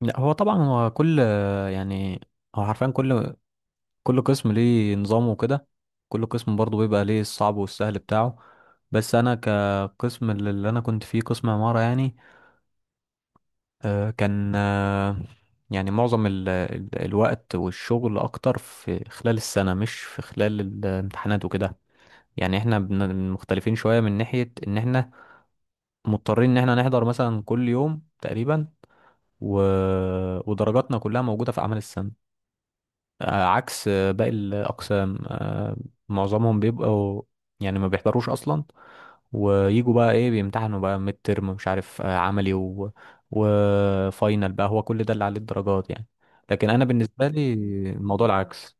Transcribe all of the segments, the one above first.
لا، هو طبعا. يعني هو حرفيا كل قسم ليه نظامه وكده. كل قسم برضه بيبقى ليه الصعب والسهل بتاعه. بس انا كقسم، اللي انا كنت فيه، قسم عمارة يعني. كان، يعني معظم ال الوقت والشغل اكتر في خلال السنة، مش في خلال الامتحانات وكده. يعني احنا مختلفين شوية من ناحية ان احنا مضطرين ان احنا نحضر مثلا كل يوم تقريبا، و... ودرجاتنا كلها موجودة في اعمال السنة، عكس باقي الأقسام. معظمهم بيبقوا يعني ما بيحضروش أصلا، ويجوا بقى إيه، بيمتحنوا بقى ميد ترم، مش عارف، عملي، وفاينل بقى، هو كل ده اللي عليه الدرجات يعني. لكن أنا بالنسبة لي الموضوع العكس.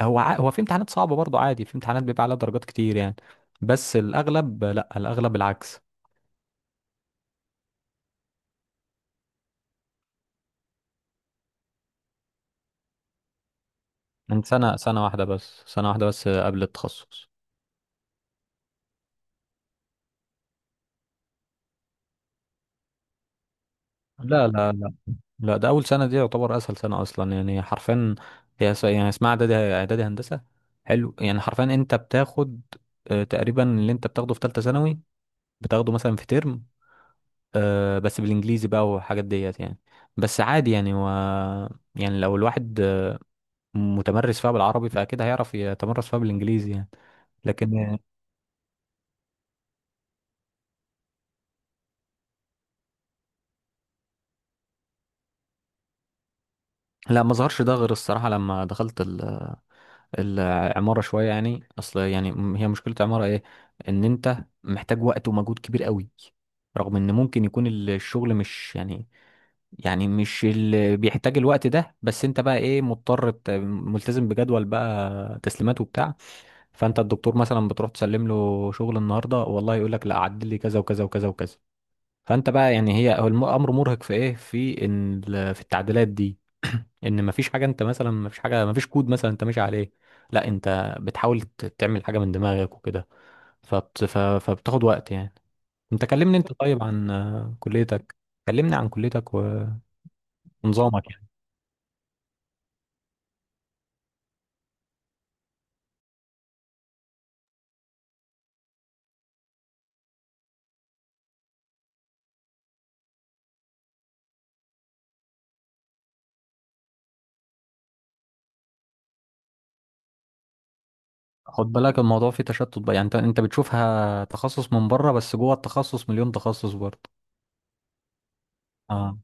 هو في امتحانات صعبة برضه، عادي، في امتحانات بيبقى عليها درجات كتير يعني، بس الأغلب لأ، الأغلب العكس. من سنة، سنة واحدة بس، سنة واحدة بس قبل التخصص. لا، لا، لا، لا، ده اول سنه دي يعتبر اسهل سنه اصلا يعني، حرفيا. يعني اسمها اعدادي هندسه. حلو، يعني حرفيا انت بتاخد تقريبا اللي انت بتاخده في ثالثه ثانوي، بتاخده مثلا في ترم، بس بالانجليزي بقى والحاجات ديت يعني. بس عادي يعني، يعني لو الواحد متمرس فيها بالعربي فاكيد هيعرف يتمرس فيها بالانجليزي يعني. لكن لا، ما ظهرش ده غير الصراحه لما دخلت العمارة شوية. يعني أصل يعني، هي مشكلة العمارة إيه؟ إن أنت محتاج وقت ومجهود كبير قوي، رغم إن ممكن يكون الشغل مش يعني، يعني مش اللي بيحتاج الوقت ده. بس أنت بقى إيه، مضطر، ملتزم بجدول بقى تسليمات وبتاع. فأنت الدكتور مثلا بتروح تسلم له شغل النهاردة، والله يقول لك لا، عدل لي كذا وكذا وكذا وكذا. فأنت بقى يعني، هو الأمر مرهق في إيه، في إن في التعديلات دي. ان مفيش حاجه، انت مثلا مفيش حاجه، مفيش كود مثلا انت ماشي عليه. لا، انت بتحاول تعمل حاجه من دماغك وكده، فبتاخد وقت يعني. انت كلمني طيب عن كليتك. كلمني عن كليتك ونظامك يعني. خد بالك، الموضوع فيه تشتت بقى يعني. انت بتشوفها تخصص من بره، بس جوه التخصص مليون تخصص برضه. اه.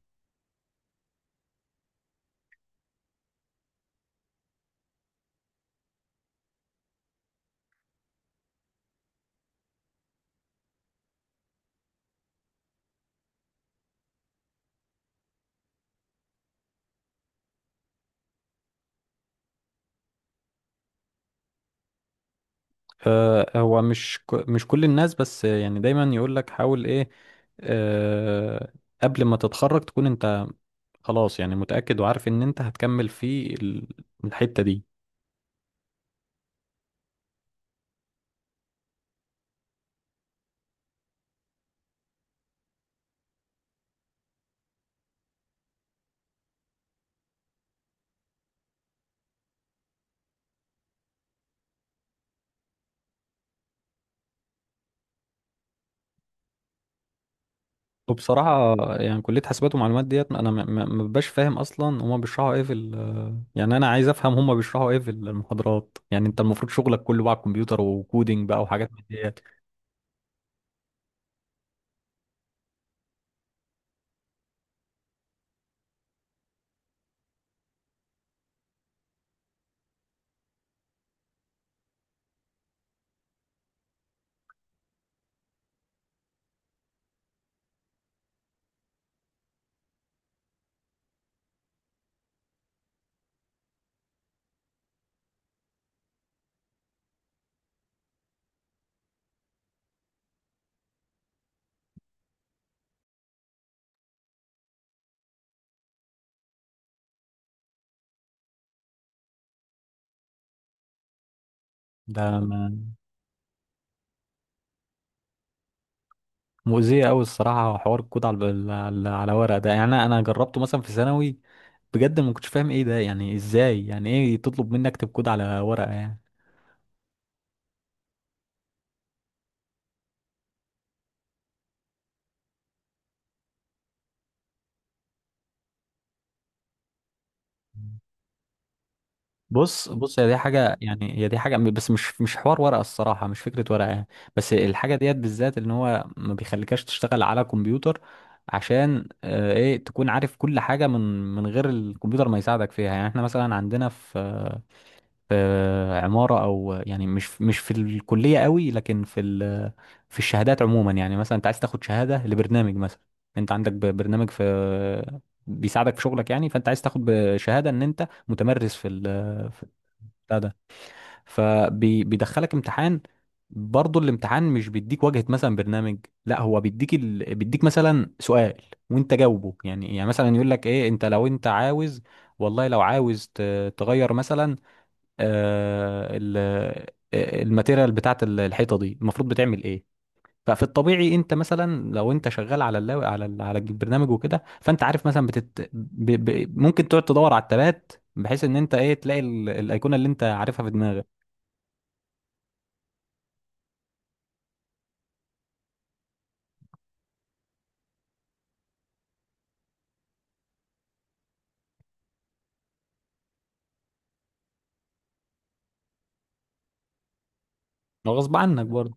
هو مش، مش كل الناس، بس يعني دايما يقول لك حاول ايه، آه، قبل ما تتخرج تكون انت خلاص يعني متأكد وعارف ان انت هتكمل في الحتة دي. وبصراحة يعني كلية حاسبات ومعلومات ديت، انا ما ببقاش فاهم اصلا هما بيشرحوا ايه في يعني انا عايز افهم هما بيشرحوا ايه في المحاضرات يعني. انت المفروض شغلك كله بقى كمبيوتر وكودينج بقى وحاجات من ديت. ده ما- مؤذية قوي الصراحة حوار الكود على على ورق ده يعني. انا جربته مثلا في ثانوي، بجد ما كنتش فاهم ايه ده يعني. ازاي يعني ايه تطلب مني اكتب كود على ورقة يعني؟ بص، بص، هي دي حاجة يعني، هي دي حاجة بس مش حوار ورقة الصراحة، مش فكرة ورقة يعني. بس الحاجة ديت بالذات ان هو ما بيخليكش تشتغل على كمبيوتر، عشان ايه، تكون عارف كل حاجة من غير الكمبيوتر ما يساعدك فيها. يعني احنا مثلا عندنا في في عمارة، أو يعني مش في الكلية قوي، لكن في في الشهادات عموما يعني. مثلا أنت عايز تاخد شهادة لبرنامج مثلا، أنت عندك برنامج في بيساعدك في شغلك يعني، فأنت عايز تاخد شهادة إن أنت متمرس في في بتاع ده، فبيدخلك امتحان. برضه الامتحان مش بيديك واجهة مثلا برنامج، لا هو بيديك بيديك مثلا سؤال، وانت جاوبه يعني. يعني مثلا يقول لك ايه، لو انت عاوز، والله لو عاوز تغير مثلا آه، ال- الماتيريال بتاعت الحيطه دي، المفروض بتعمل ايه؟ ففي الطبيعي انت مثلا لو انت شغال على على البرنامج وكده، فانت عارف مثلا ممكن تقعد تدور على التبات، بحيث ان انت ايه تلاقي الايقونه اللي انت عارفها في دماغك. هو غصب عنك برضه.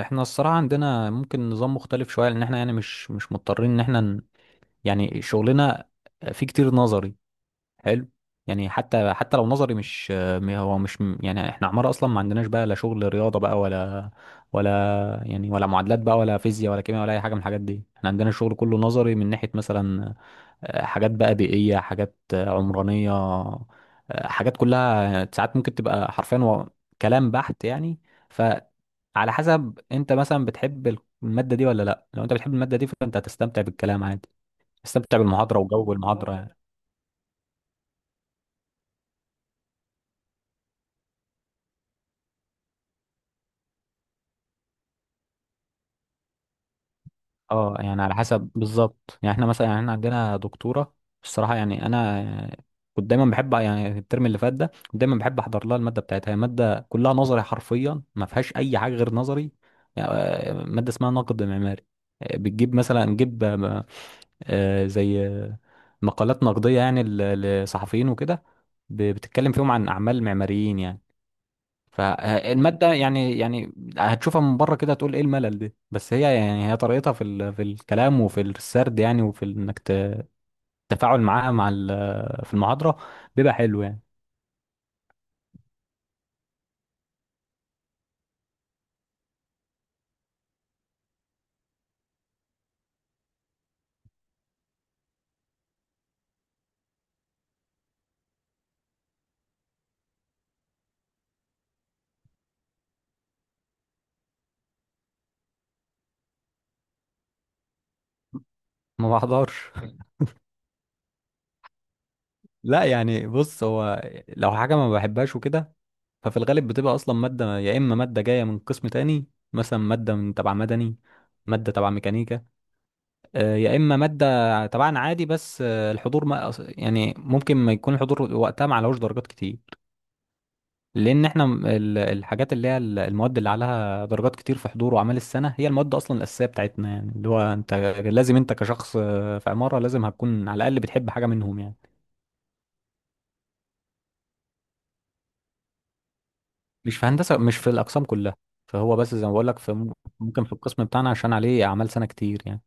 احنا الصراحه عندنا ممكن نظام مختلف شويه، لان احنا يعني مش مضطرين ان احنا يعني شغلنا فيه كتير نظري. حلو، يعني حتى لو نظري، مش م- هو مش يعني احنا عمارة اصلا ما عندناش بقى لا شغل رياضة بقى، ولا يعني، ولا معادلات بقى ولا فيزياء ولا كيمياء ولا اي حاجة من الحاجات دي. احنا عندنا الشغل كله نظري من ناحية مثلا حاجات بقى بيئية، حاجات عمرانية، حاجات كلها، ساعات ممكن تبقى حرفيا كلام بحت يعني. فعلى حسب انت مثلا بتحب المادة دي ولا لا. لو انت بتحب المادة دي فانت هتستمتع بالكلام عادي، تستمتع بالمحاضرة وجو المحاضرة يعني. اه، يعني على حسب، بالظبط يعني. احنا مثلا يعني احنا عندنا دكتوره، الصراحه يعني انا، كنت دايما بحب يعني الترم اللي فات ده، كنت دايما بحب احضر لها الماده بتاعتها. هي ماده كلها نظري حرفيا، ما فيهاش اي حاجه غير نظري يعني. ماده اسمها نقد معماري. بتجيب مثلا، نجيب، زي مقالات نقديه يعني، لصحفيين وكده، بتتكلم فيهم عن اعمال معماريين يعني. فالمادة يعني، هتشوفها من بره كده تقول ايه الملل ده، بس هي يعني طريقتها في في الكلام وفي السرد يعني، وفي انك التفاعل معاها مع في المحاضرة بيبقى حلو يعني. ما بحضرش لا يعني بص، هو لو حاجة ما بحبهاش وكده ففي الغالب بتبقى اصلا مادة. يا اما مادة جاية من قسم تاني، مثلا مادة من تبع مدني، مادة تبع ميكانيكا، يا اما مادة تبعنا عادي، بس الحضور، ما يعني ممكن ما يكون الحضور وقتها ما علوش درجات كتير. لان احنا، الحاجات اللي هي المواد اللي عليها درجات كتير في حضور وأعمال السنة هي المواد اصلا الأساسية بتاعتنا يعني. اللي هو انت لازم، انت كشخص في عمارة لازم هتكون على الأقل بتحب حاجة منهم يعني. مش في هندسة، مش في الأقسام كلها. فهو بس زي ما بقول لك، في ممكن في القسم بتاعنا عشان عليه أعمال سنة كتير يعني.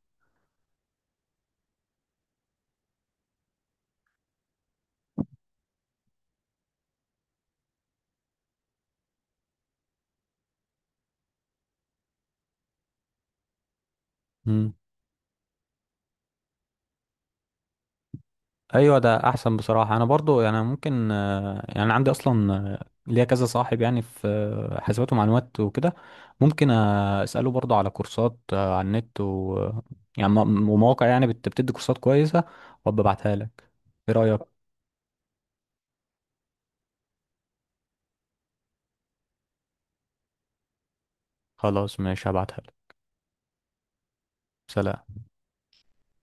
مم. ايوه، ده احسن بصراحه. انا برضو يعني ممكن، يعني عندي اصلا ليا كذا صاحب يعني في حاسبات ومعلومات وكده، ممكن اساله برضو على كورسات على النت يعني، ومواقع يعني بتدي كورسات كويسه، وابقى ابعتها لك. ايه رايك؟ خلاص، ماشي، هبعتها لك. سلام.